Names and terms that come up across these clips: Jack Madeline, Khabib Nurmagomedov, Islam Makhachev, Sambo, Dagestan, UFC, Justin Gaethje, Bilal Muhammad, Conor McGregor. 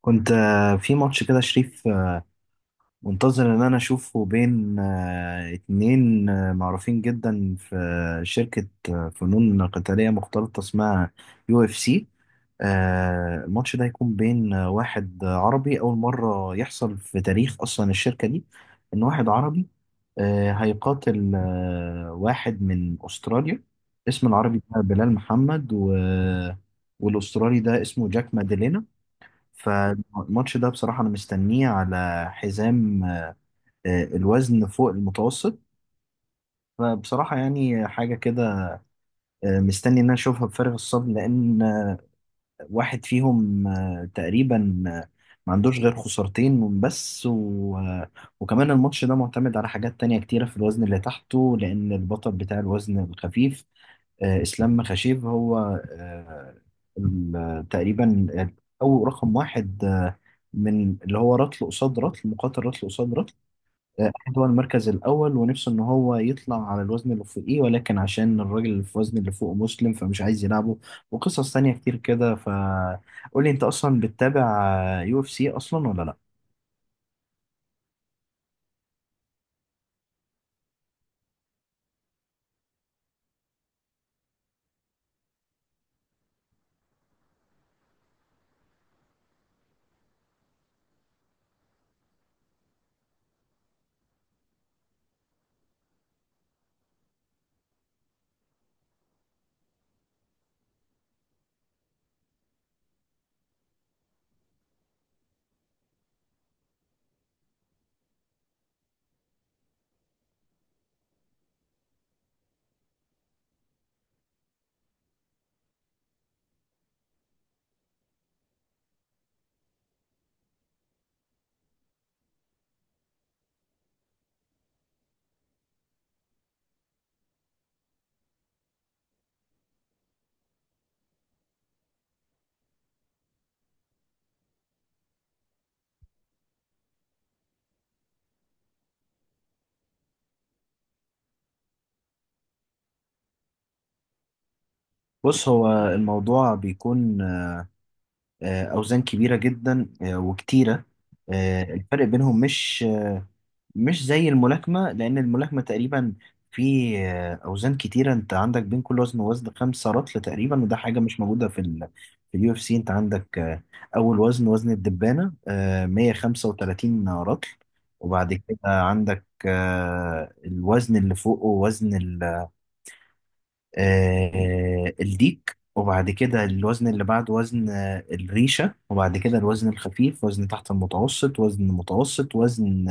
كنت في ماتش كده شريف، منتظر ان انا اشوفه بين اتنين معروفين جدا في شركة فنون قتالية مختلطة اسمها يو اف سي. الماتش ده هيكون بين واحد عربي، اول مرة يحصل في تاريخ اصلا الشركة دي ان واحد عربي هيقاتل واحد من استراليا. اسم العربي ده بلال محمد و... آه، والاسترالي ده اسمه جاك ماديلينا. فالماتش ده بصراحة أنا مستنيه على حزام الوزن فوق المتوسط. فبصراحة يعني حاجة كده، مستني إن أنا أشوفها بفارغ الصبر، لأن واحد فيهم تقريبا ما عندوش غير خسارتين من بس و... آه، وكمان الماتش ده معتمد على حاجات تانية كتيرة في الوزن اللي تحته، لأن البطل بتاع الوزن الخفيف اسلام مخاشيف هو تقريبا او رقم واحد من اللي هو رطل قصاد رطل مقاتل رطل قصاد رطل. احمد هو المركز الاول ونفسه ان هو يطلع على الوزن اللي فوقيه، ولكن عشان الراجل اللي في الوزن اللي فوقه مسلم فمش عايز يلعبه، وقصص تانية كتير كده. فقول لي انت اصلا بتتابع يو اف سي اصلا ولا لا؟ بص، هو الموضوع بيكون اوزان كبيرة جدا وكتيرة. الفرق بينهم مش زي الملاكمة، لأن الملاكمة تقريبا في أوزان كتيرة، أنت عندك بين كل وزن ووزن 5 رطل تقريبا، وده حاجة مش موجودة في اليو اف سي. أنت عندك أول وزن وزن الدبانة، 135 رطل. وبعد كده عندك الوزن اللي فوقه وزن الديك. وبعد كده الوزن اللي بعد وزن الريشة. وبعد كده الوزن الخفيف، وزن تحت المتوسط، وزن متوسط، وزن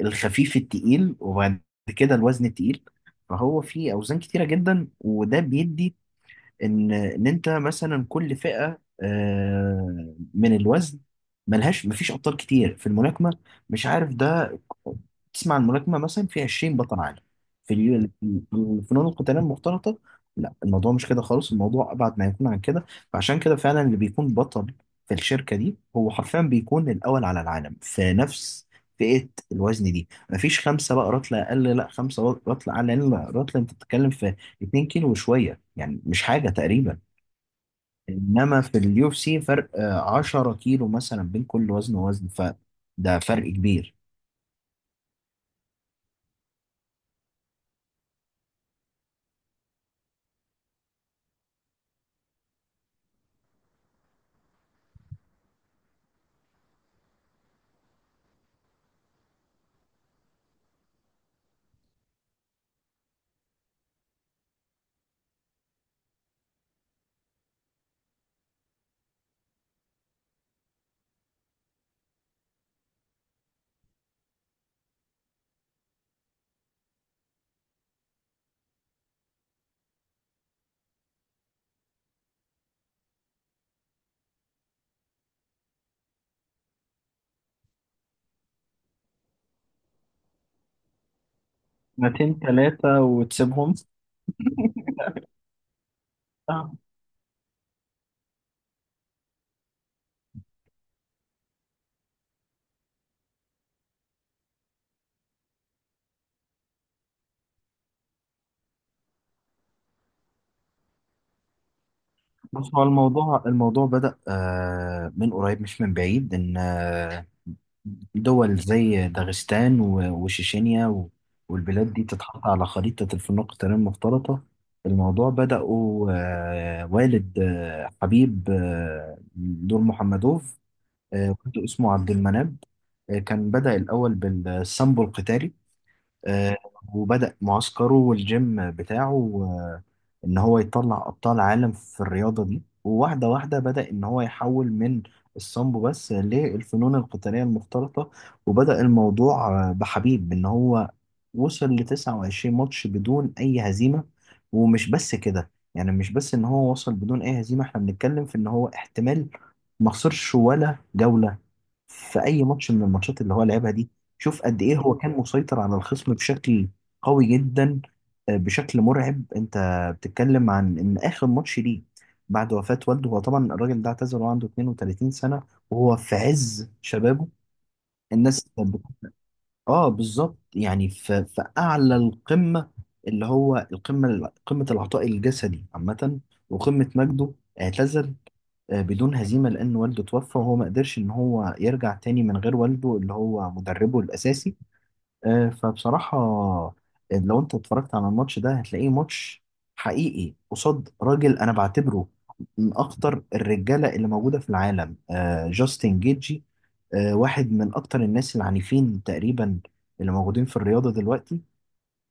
الخفيف التقيل، وبعد كده الوزن التقيل. فهو فيه أوزان كتيرة جدا، وده بيدي ان انت مثلا كل فئه من الوزن ملهاش، مفيش ابطال كتير في الملاكمه. مش عارف ده، تسمع عن الملاكمه مثلا في 20 بطل عالم. في الفنون القتاليه المختلطه لا، الموضوع مش كده خالص، الموضوع ابعد ما يكون عن كده. فعشان كده فعلا اللي بيكون بطل في الشركه دي هو حرفيا بيكون الاول على العالم في نفس فئه الوزن دي. مفيش خمسه بقى رطله اقل لا خمسه رطله اعلى، لأن الرطله انت بتتكلم في 2 كيلو وشويه، يعني مش حاجة تقريبا. انما في اليو اف سي فرق 10 كيلو مثلا بين كل وزن ووزن، فده فرق كبير. سنتين ثلاثة وتسيبهم. آه، بص، هو الموضوع بدأ من قريب مش من بعيد، إن دول زي داغستان وشيشينيا والبلاد دي تتحط على خريطة الفنون القتالية المختلطة. الموضوع بدأوا والد حبيب دور محمدوف كنت اسمه عبد المناب. كان بدأ الأول بالسامبو القتالي. آه، وبدأ معسكره والجيم بتاعه آه، إن هو يطلع أبطال عالم في الرياضة دي، وواحدة واحدة بدأ إن هو يحول من السامبو بس للفنون القتالية المختلطة. وبدأ الموضوع بحبيب إن هو وصل ل 29 ماتش بدون أي هزيمة. ومش بس كده، يعني مش بس إن هو وصل بدون أي هزيمة، إحنا بنتكلم في إن هو احتمال ما خسرش ولا جولة في أي ماتش من الماتشات اللي هو لعبها دي. شوف قد إيه هو كان مسيطر على الخصم بشكل قوي جدا، بشكل مرعب. أنت بتتكلم عن إن آخر ماتش ليه بعد وفاة والده، هو طبعا الراجل ده اعتزل وهو عنده 32 سنة، وهو في عز شبابه. الناس كانت اه، بالظبط، يعني في أعلى القمة، اللي هو القمة، قمة العطاء الجسدي عامة، وقمة مجده. اعتزل بدون هزيمة، لأن والده توفى وهو ما قدرش إن هو يرجع تاني من غير والده اللي هو مدربه الأساسي. فبصراحة لو أنت اتفرجت على الماتش ده هتلاقيه ماتش حقيقي قصاد راجل أنا بعتبره من أخطر الرجالة اللي موجودة في العالم، جاستن جيتجي. واحد من أكتر الناس العنيفين تقريبا اللي موجودين في الرياضة دلوقتي.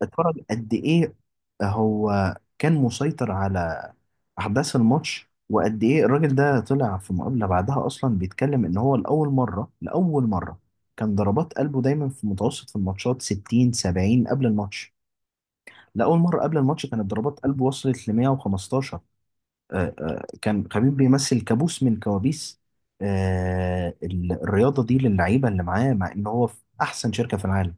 اتفرج قد ايه هو كان مسيطر على احداث الماتش، وقد ايه الراجل ده طلع في مقابله بعدها اصلا بيتكلم ان هو لاول مره كان ضربات قلبه دايما في متوسط في الماتشات 60 70 قبل الماتش. لاول مره قبل الماتش كانت ضربات قلبه وصلت ل 115. كان خبيب بيمثل كابوس من كوابيس الرياضه دي للعيبه اللي معاه، مع ان هو في احسن شركه في العالم.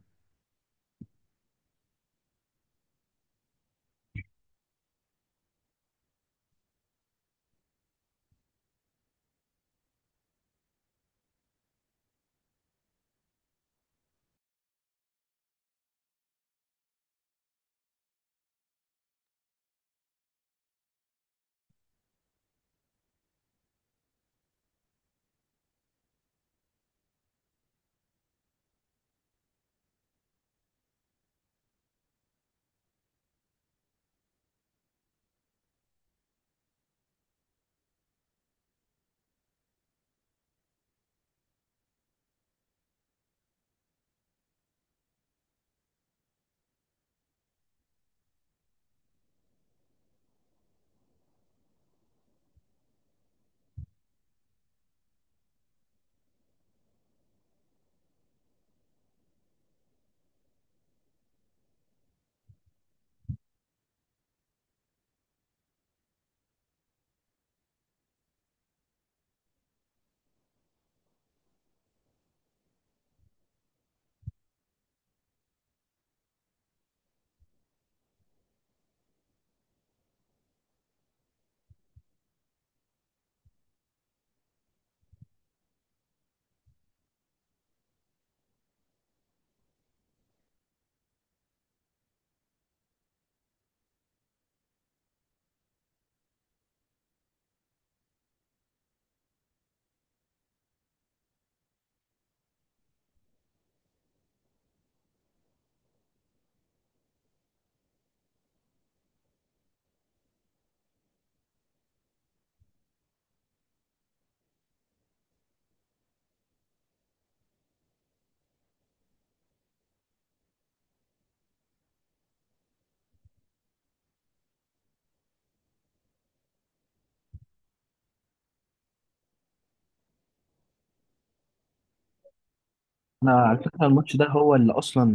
انا على فكره الماتش ده هو اللي اصلا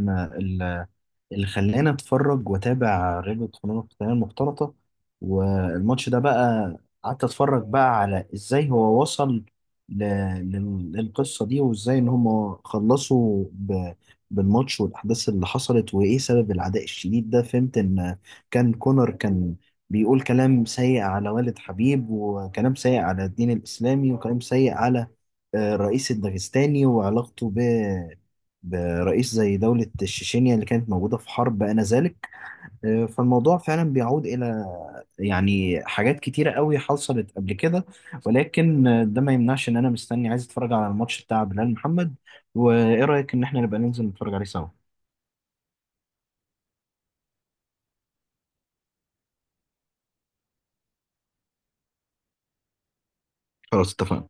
اللي خلاني اتفرج واتابع رياضة فنون القتالية المختلطة. والماتش ده بقى قعدت اتفرج بقى على ازاي هو وصل ل- للقصة دي، وازاي ان هم خلصوا بالماتش، والاحداث اللي حصلت، وايه سبب العداء الشديد ده. فهمت ان كان كونر كان بيقول كلام سيء على والد حبيب، وكلام سيء على الدين الاسلامي، وكلام سيء على الرئيس الداغستاني وعلاقته ب رئيس زي دولة الشيشينيا اللي كانت موجودة في حرب آنذاك. فالموضوع فعلا بيعود إلى يعني حاجات كتيرة قوي حصلت قبل كده، ولكن ده ما يمنعش إن أنا مستني عايز أتفرج على الماتش بتاع بلال محمد. وإيه رأيك إن إحنا نبقى ننزل نتفرج عليه سوا؟ خلاص اتفقنا.